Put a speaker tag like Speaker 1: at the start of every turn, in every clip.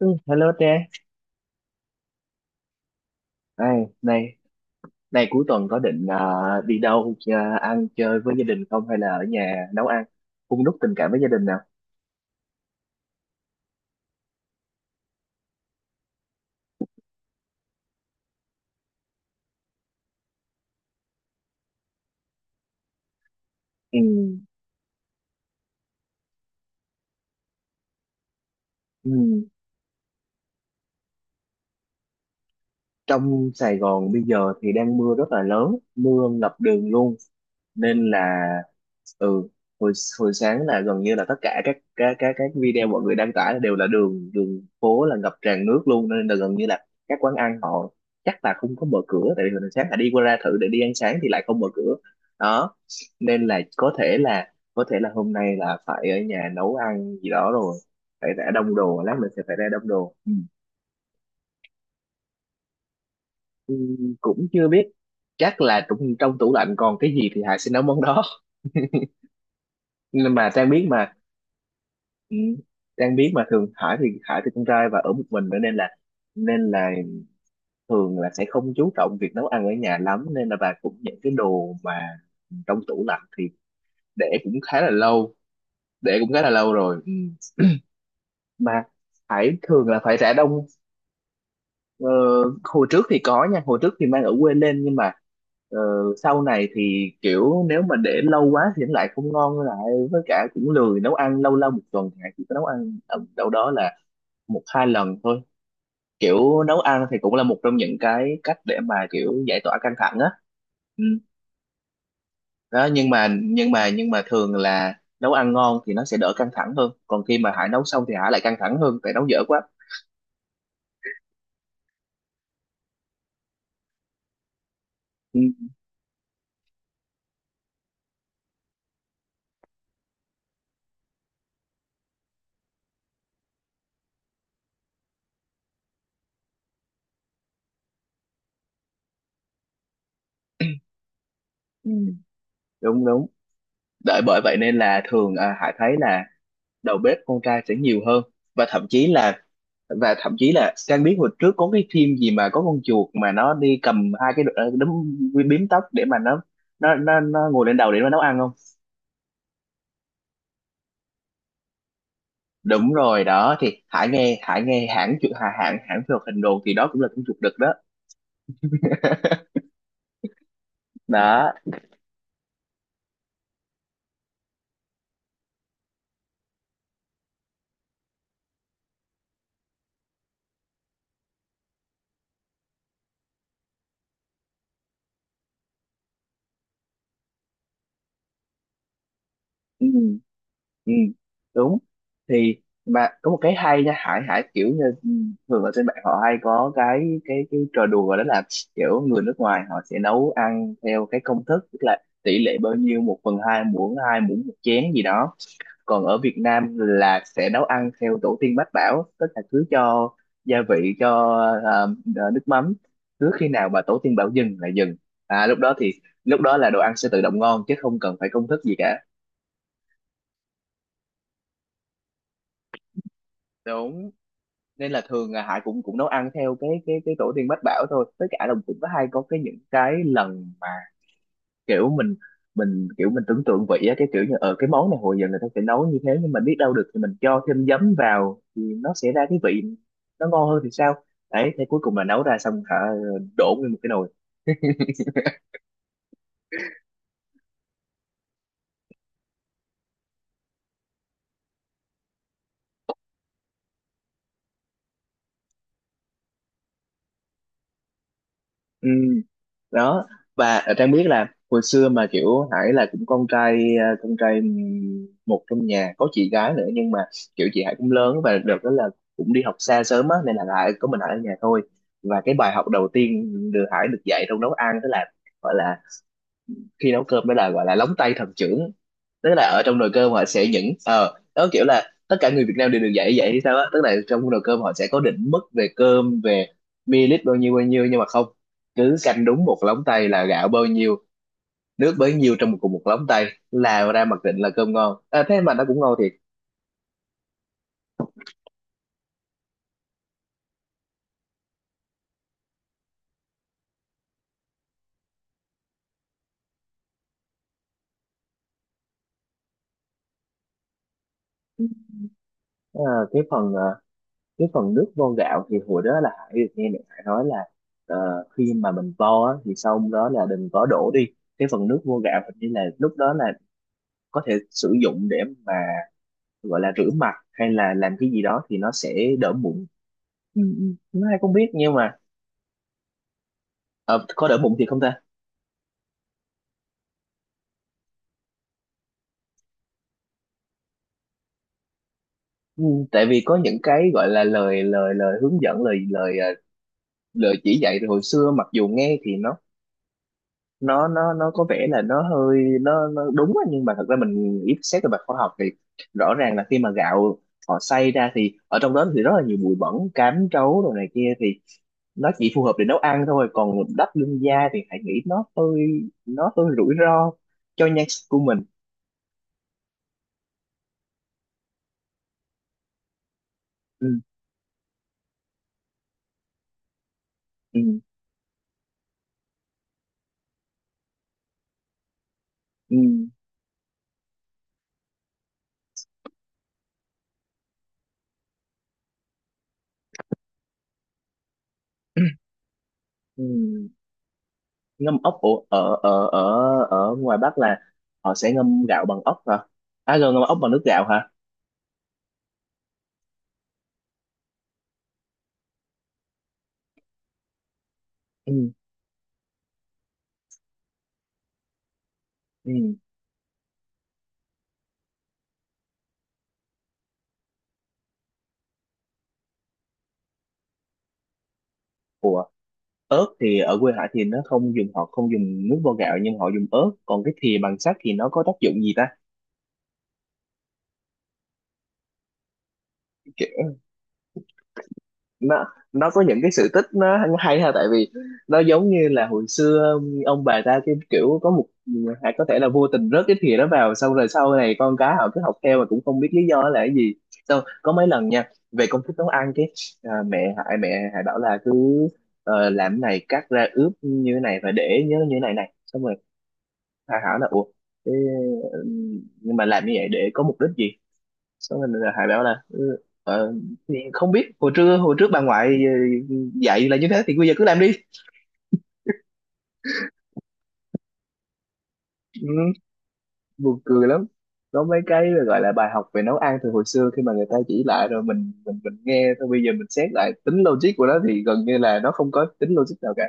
Speaker 1: Ừ, Hello Trang, này, này, này, cuối tuần có định đi đâu à, ăn chơi với gia đình không hay là ở nhà nấu ăn, hun đúc tình cảm với gia đình nào? Ừ. Ừ. Trong Sài Gòn bây giờ thì đang mưa rất là lớn, mưa ngập đường luôn. Nên là ừ hồi hồi sáng là gần như là tất cả các video mọi người đăng tải đều là đường đường phố là ngập tràn nước luôn, nên là gần như là các quán ăn họ chắc là không có mở cửa, tại vì hồi sáng là đi qua ra thử để đi ăn sáng thì lại không mở cửa đó. Nên là có thể là hôm nay là phải ở nhà nấu ăn gì đó rồi, phải ra đông đồ, lát mình sẽ phải ra đông đồ. Ừ. Ừ, cũng chưa biết, chắc là trong tủ lạnh còn cái gì thì Hải sẽ nấu món đó. Nhưng mà Trang biết mà. Ừ. Đang biết mà thường Hải thì con trai và ở một mình nữa nên là nên là thường là sẽ không chú trọng việc nấu ăn ở nhà lắm, nên là bà cũng những cái đồ mà trong tủ lạnh thì để cũng khá là lâu để cũng khá là lâu rồi. Ừ. Mà Hải thường là phải rã đông. ờ, Hồi trước thì có nha, hồi trước thì mang ở quê lên nhưng mà ờ, sau này thì kiểu nếu mà để lâu quá thì nó lại không ngon lại, với cả cũng lười nấu ăn. Lâu lâu một tuần thì Hải chỉ có nấu ăn ở đâu đó là một hai lần thôi. Kiểu nấu ăn thì cũng là một trong những cái cách để mà kiểu giải tỏa căng thẳng á. Ừ. Đó, nhưng mà thường là nấu ăn ngon thì nó sẽ đỡ căng thẳng hơn, còn khi mà Hải nấu xong thì Hải lại căng thẳng hơn tại nấu dở quá. Ừ. Ừ. Đúng đúng đợi, bởi vậy nên là thường à, Hải thấy là đầu bếp con trai sẽ nhiều hơn. Và thậm chí là và thậm chí là Trang biết hồi trước có cái phim gì mà có con chuột mà nó đi cầm hai cái đấm bím tóc để mà nó ngồi lên đầu để nó nấu ăn không? Đúng rồi đó, thì Hải nghe hãng chụp hãng hãng hãng phim hoạt hình đồ thì đó cũng là cũng chụp được đó. Đó. Ừ, ừ, đúng thì mà có một cái hay nha Hải. Kiểu như Ừ. Thường ở trên mạng họ hay có cái trò đùa đó là kiểu người nước ngoài họ sẽ nấu ăn theo cái công thức, tức là tỷ lệ bao nhiêu một phần hai muỗng, hai muỗng một chén gì đó. Còn ở Việt Nam là sẽ nấu ăn theo tổ tiên mách bảo, tức là cứ cho gia vị, cho ờ, nước mắm, cứ khi nào mà tổ tiên bảo dừng là dừng. À, lúc đó là đồ ăn sẽ tự động ngon chứ không cần phải công thức gì cả. Đúng. Nên là thường là Hải cũng cũng nấu ăn theo cái tổ tiên mách bảo thôi, tất cả là cũng có hay có cái những cái lần mà kiểu mình kiểu mình tưởng tượng vị á, cái kiểu như ở cái món này hồi giờ người ta sẽ nấu như thế nhưng mà biết đâu được thì mình cho thêm giấm vào thì nó sẽ ra cái vị nó ngon hơn thì sao. Đấy thế cuối cùng là nấu ra xong hả, đổ nguyên một cái nồi. Ừ, đó. Và ờ, Trang biết là hồi xưa mà kiểu Hải là cũng con trai một, trong nhà có chị gái nữa nhưng mà kiểu chị Hải cũng lớn và đợt đó là cũng đi học xa sớm á, nên là Hải có mình Hải ở nhà thôi. Và cái bài học đầu tiên được Hải được dạy trong nấu ăn đó là gọi là khi nấu cơm đó là gọi là lóng tay thần trưởng, tức là ở trong nồi cơm họ sẽ những ờ đó kiểu là tất cả người Việt Nam đều được dạy vậy hay sao á, tức là trong nồi cơm họ sẽ có định mức về cơm, về ml bao nhiêu nhưng mà không, cứ canh đúng một lóng tay là gạo bao nhiêu nước bấy nhiêu, trong một cùng một lóng tay là ra mặc định là cơm ngon. À, thế mà nó cũng ngon thiệt. À, cái phần à, cái phần nước vo gạo thì hồi đó là Hải được nghe mẹ Hải nói là ờ, khi mà mình vo á, thì sau đó là đừng có đổ đi, cái phần nước vo gạo hình như là lúc đó là có thể sử dụng để mà gọi là rửa mặt hay là làm cái gì đó thì nó sẽ đỡ mụn. ừ, ừ, nó ai cũng biết nhưng mà ờ, có đỡ mụn thì không ta. Ừ, tại vì có những cái gọi là lời lời lời hướng dẫn, lời lời ờ, lời chỉ dạy từ hồi xưa, mặc dù nghe thì nó có vẻ là nó hơi nó đúng á, nhưng mà thật ra mình ít xét về mặt khoa học thì rõ ràng là khi mà gạo họ xay ra thì ở trong đó thì rất là nhiều bụi bẩn, cám trấu đồ này kia, thì nó chỉ phù hợp để nấu ăn thôi còn đắp lưng da thì hãy nghĩ nó hơi rủi ro cho nhan sắc của mình. Ừ, ừ, ừ, ừ. Ngâm ốc, ở ở ở ở ở ngoài Bắc là họ sẽ ngâm gạo bằng ốc hả? À rồi ngâm ốc bằng nước gạo hả? Ừ, ừ. Ủa, ớt thì ở quê Hải thì nó không dùng, họ không dùng nước vo gạo nhưng họ dùng ớt, còn cái thìa bằng sắt thì nó có tác dụng gì ta? nó nó có những cái sự tích nó hay ha, tại vì nó giống như là hồi xưa ông bà ta cái kiểu có một, hay có thể là vô tình rớt cái thìa đó vào xong rồi sau này con cái họ cứ học theo mà cũng không biết lý do là cái gì. Xong có mấy lần nha về công thức nấu ăn cái à, mẹ hại bảo là cứ làm cái này cắt ra ướp như thế này và để nhớ như thế này này, xong rồi hại hỏi là ủa thế, ừ, nhưng mà làm như vậy để có mục đích gì. Xong mình là Hải bảo là ờ, thì không biết hồi trước bà ngoại dạy là như thế thì bây giờ cứ làm đi. ừ, Buồn cười lắm. Có mấy cái gọi là bài học về nấu ăn từ hồi xưa khi mà người ta chỉ lại rồi mình nghe thôi, bây giờ mình xét lại tính logic của nó thì gần như là nó không có tính logic nào cả.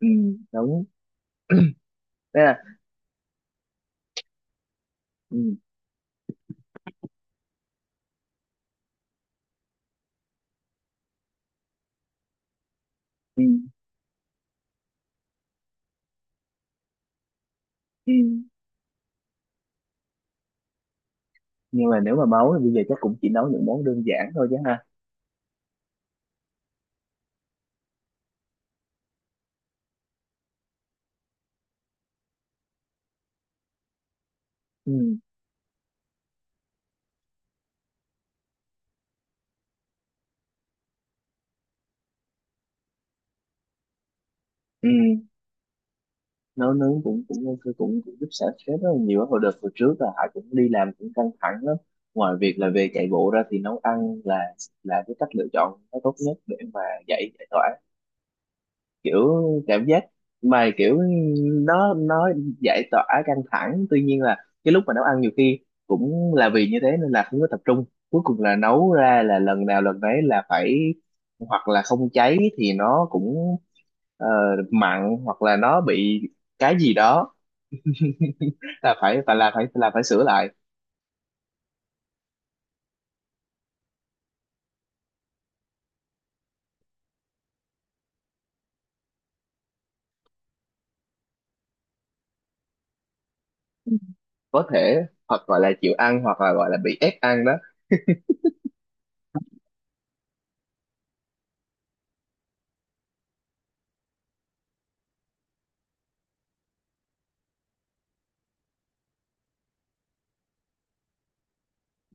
Speaker 1: Ừ, đúng. Thế là ừ, ừ, ừ. Nhưng mà nếu mà máu thì bây giờ chắc cũng chỉ nấu những món đơn giản thôi chứ ha. Ừ, ừ. Nấu nướng cũng cũng ok, cũng, cũng giúp xả stress rất là nhiều á. Hồi đợt hồi trước là Hải cũng đi làm cũng căng thẳng lắm, ngoài việc là về chạy bộ ra thì nấu ăn là cái cách lựa chọn nó tốt nhất để mà giải giải tỏa kiểu cảm giác mà kiểu nó giải tỏa căng thẳng. Tuy nhiên là cái lúc mà nấu ăn nhiều khi cũng là vì như thế nên là không có tập trung, cuối cùng là nấu ra là lần nào lần đấy là phải, hoặc là không cháy thì nó cũng ờ, mặn hoặc là nó bị cái gì đó, là phải phải là phải là phải sửa lại. Có thể hoặc gọi là chịu ăn hoặc là gọi là bị ép ăn đó.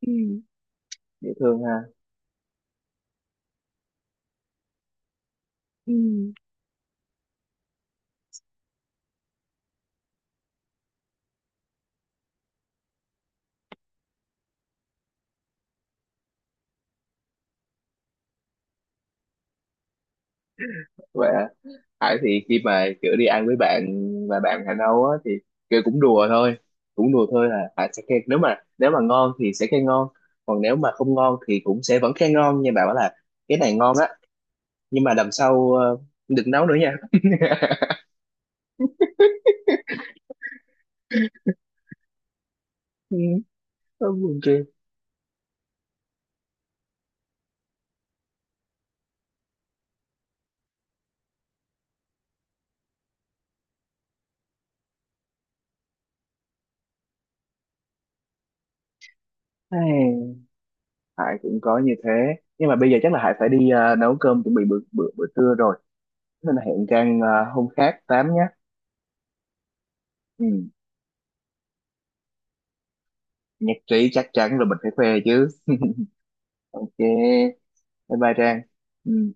Speaker 1: Ừ, dễ thương ha. Ừ, vậy à. Hải thì khi mà kiểu đi ăn với bạn và bạn Hà Nâu á thì kiểu cũng đùa thôi là Hải sẽ khen, nếu mà ngon thì sẽ khen ngon, còn nếu mà không ngon thì cũng sẽ vẫn khen ngon nhưng bảo là cái này ngon á, nhưng mà lần sau đừng nấu nữa nha. Ôi, buồn cười. Ai, Hải cũng có như thế, nhưng mà bây giờ chắc là Hải phải đi nấu cơm chuẩn bị bữa bữa bữa trưa rồi. Nên là hẹn Trang à, hôm khác tám nhé. Ừ. Nhạc trí chắc chắn là mình phải khoe chứ. Ok. Bye bye Trang. Ừ.